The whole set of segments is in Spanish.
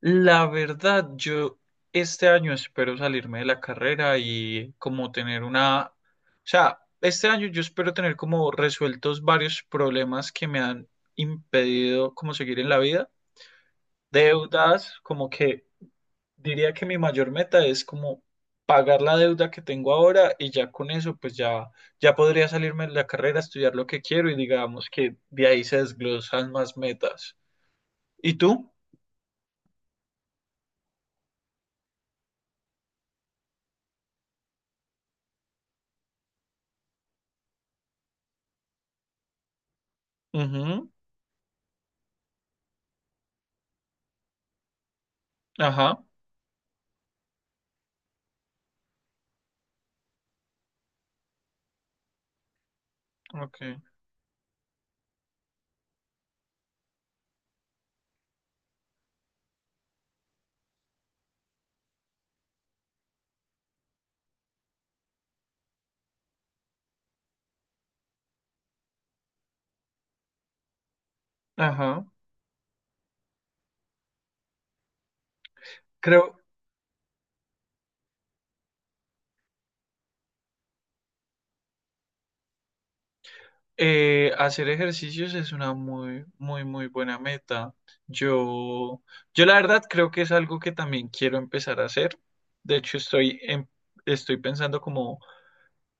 La verdad, yo este año espero salirme de la carrera y como tener una, o sea, este año yo espero tener como resueltos varios problemas que me han impedido como seguir en la vida. Deudas, como que diría que mi mayor meta es como pagar la deuda que tengo ahora y ya con eso pues ya ya podría salirme de la carrera, estudiar lo que quiero y digamos que de ahí se desglosan más metas. ¿Y tú? Ujú. Ajá. Ok. Ajá. Creo hacer ejercicios es una muy, muy, muy buena meta. Yo, yo la verdad creo que es algo que también quiero empezar a hacer. De hecho, estoy pensando como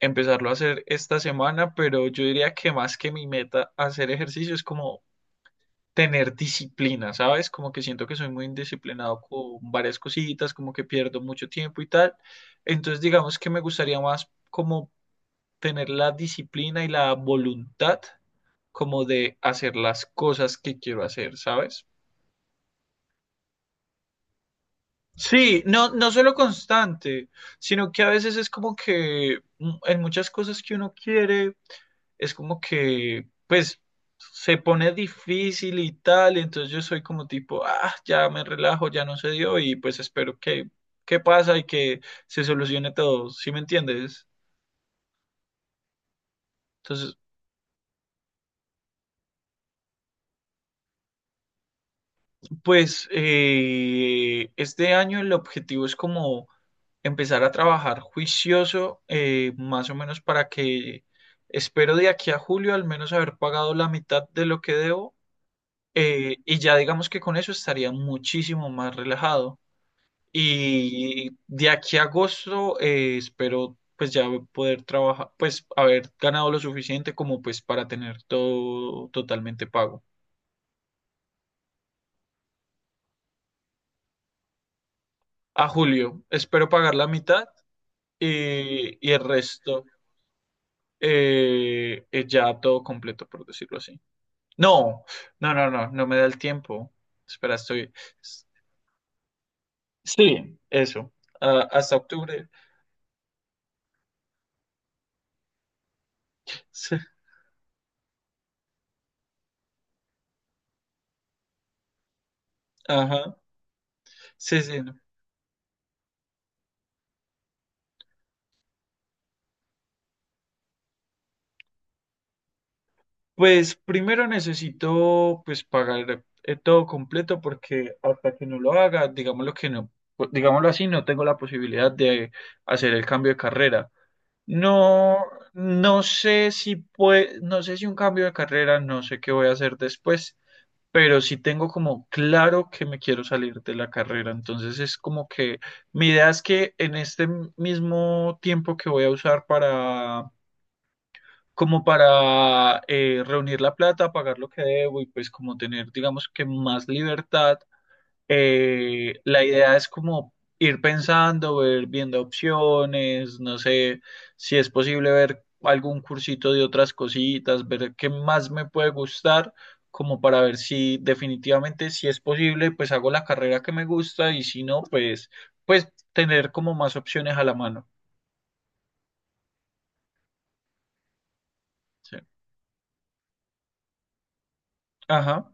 empezarlo a hacer esta semana, pero yo diría que más que mi meta hacer ejercicio es como tener disciplina, ¿sabes? Como que siento que soy muy indisciplinado con varias cositas, como que pierdo mucho tiempo y tal. Entonces, digamos que me gustaría más como tener la disciplina y la voluntad como de hacer las cosas que quiero hacer, ¿sabes? Sí, no, no solo constante, sino que a veces es como que en muchas cosas que uno quiere, es como que, pues, se pone difícil y tal, entonces yo soy como tipo, ah, ya me relajo, ya no se dio y pues espero que pasa y que se solucione todo, ¿sí me entiendes? Entonces, pues este año el objetivo es como empezar a trabajar juicioso, más o menos para que espero de aquí a julio al menos haber pagado la mitad de lo que debo, y ya digamos que con eso estaría muchísimo más relajado. Y de aquí a agosto espero pues ya poder trabajar, pues haber ganado lo suficiente como pues para tener todo totalmente pago. A julio espero pagar la mitad y el resto es ya todo completo, por decirlo así. No, no me da el tiempo. Espera, estoy... Sí, eso. Ah, hasta octubre. Sí, ajá. Sí, sí, no. Pues primero necesito pues pagar todo completo porque hasta que no lo haga, digámoslo que no, pues, digámoslo así, no tengo la posibilidad de hacer el cambio de carrera. No, no sé si pue- no sé si un cambio de carrera, no sé qué voy a hacer después, pero sí tengo como claro que me quiero salir de la carrera. Entonces es como que mi idea es que en este mismo tiempo que voy a usar para como para reunir la plata, pagar lo que debo y pues como tener, digamos que más libertad, la idea es como ir pensando, viendo opciones, no sé si es posible ver algún cursito de otras cositas, ver qué más me puede gustar, como para ver si definitivamente si es posible, pues hago la carrera que me gusta y si no, pues, pues tener como más opciones a la mano. Sí. Ajá,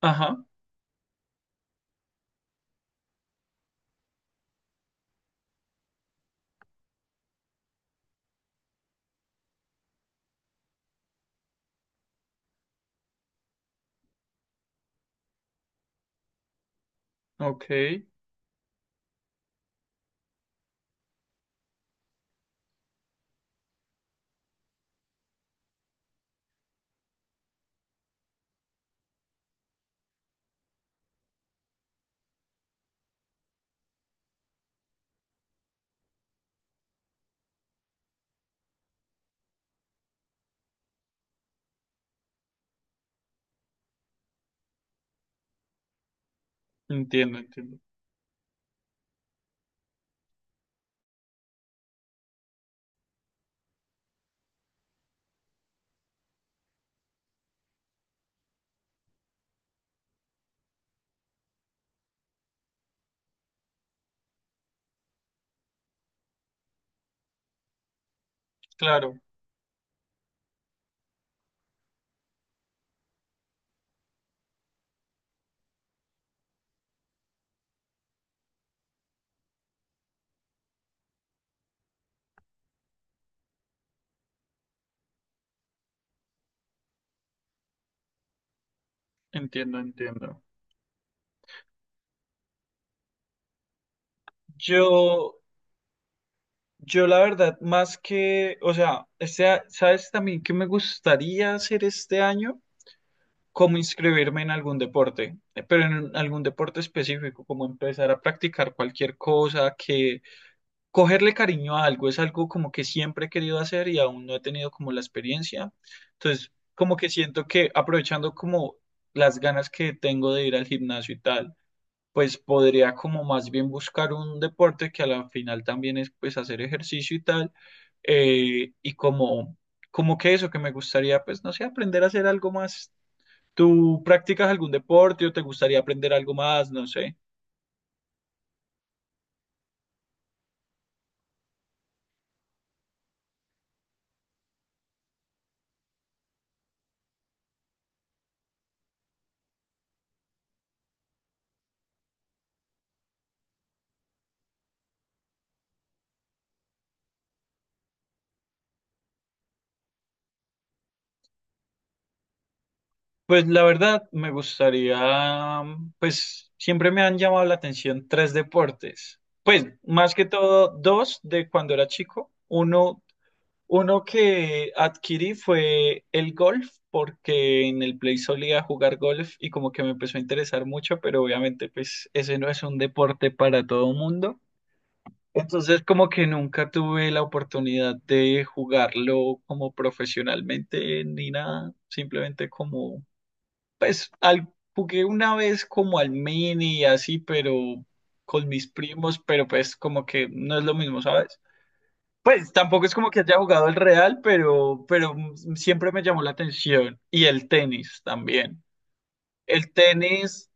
ajá, ok, entiendo, entiendo. Claro, entiendo, entiendo. Yo, Yo la verdad, más que, o sea, ¿sabes también qué me gustaría hacer este año? Como inscribirme en algún deporte, pero en algún deporte específico, como empezar a practicar cualquier cosa, que cogerle cariño a algo es algo como que siempre he querido hacer y aún no he tenido como la experiencia. Entonces, como que siento que aprovechando como las ganas que tengo de ir al gimnasio y tal, pues podría como más bien buscar un deporte que a la final también es pues hacer ejercicio y tal eh, y como, como que eso, que me gustaría, pues, no sé, aprender a hacer algo más. ¿Tú practicas algún deporte o te gustaría aprender algo más? No sé. Pues la verdad, me gustaría, pues, siempre me han llamado la atención tres deportes. Pues, más que todo, dos de cuando era chico. Uno que adquirí fue el golf, porque en el Play solía jugar golf y como que me empezó a interesar mucho, pero obviamente, pues, ese no es un deporte para todo mundo. Entonces, como que nunca tuve la oportunidad de jugarlo como profesionalmente ni nada, simplemente como, pues, al, jugué una vez como al mini y así, pero con mis primos, pero pues como que no es lo mismo, ¿sabes? Pues tampoco es como que haya jugado el real, pero, siempre me llamó la atención. Y el tenis también. El tenis.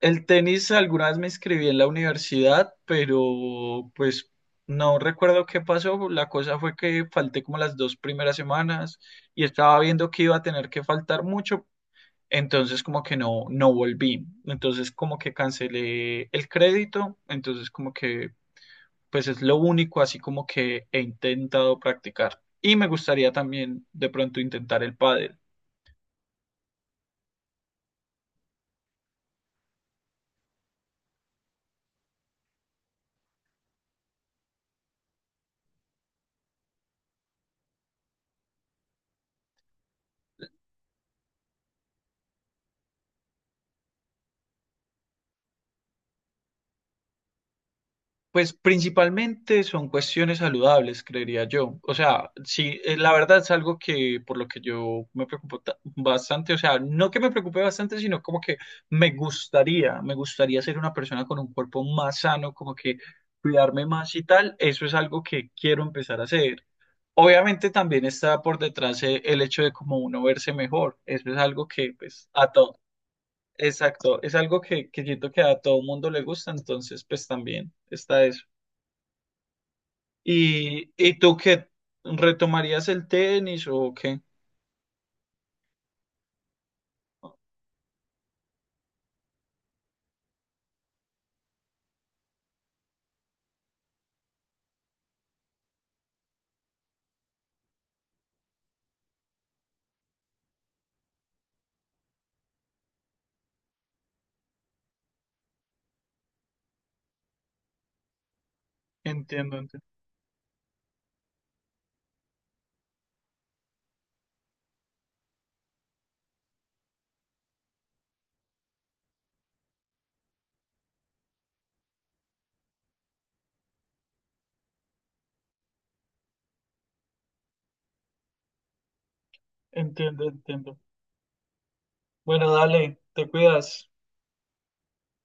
El tenis alguna vez me inscribí en la universidad, pero pues no recuerdo qué pasó. La cosa fue que falté como las dos primeras semanas y estaba viendo que iba a tener que faltar mucho, entonces como que no, no volví. Entonces como que cancelé el crédito, entonces como que pues es lo único así como que he intentado practicar. Y me gustaría también de pronto intentar el pádel. Pues principalmente son cuestiones saludables, creería yo. O sea, sí, la verdad es algo que por lo que yo bastante, o sea, no que me preocupe bastante, sino como que me gustaría ser una persona con un cuerpo más sano, como que cuidarme más y tal. Eso es algo que quiero empezar a hacer. Obviamente también está por detrás el hecho de como uno verse mejor. Eso es algo que, pues, a todo, exacto, es algo que siento que a todo mundo le gusta, entonces, pues también está eso. ¿Y tú qué? ¿Retomarías el tenis o qué? Entiendo, entiendo, entiendo. Bueno, dale, te cuidas.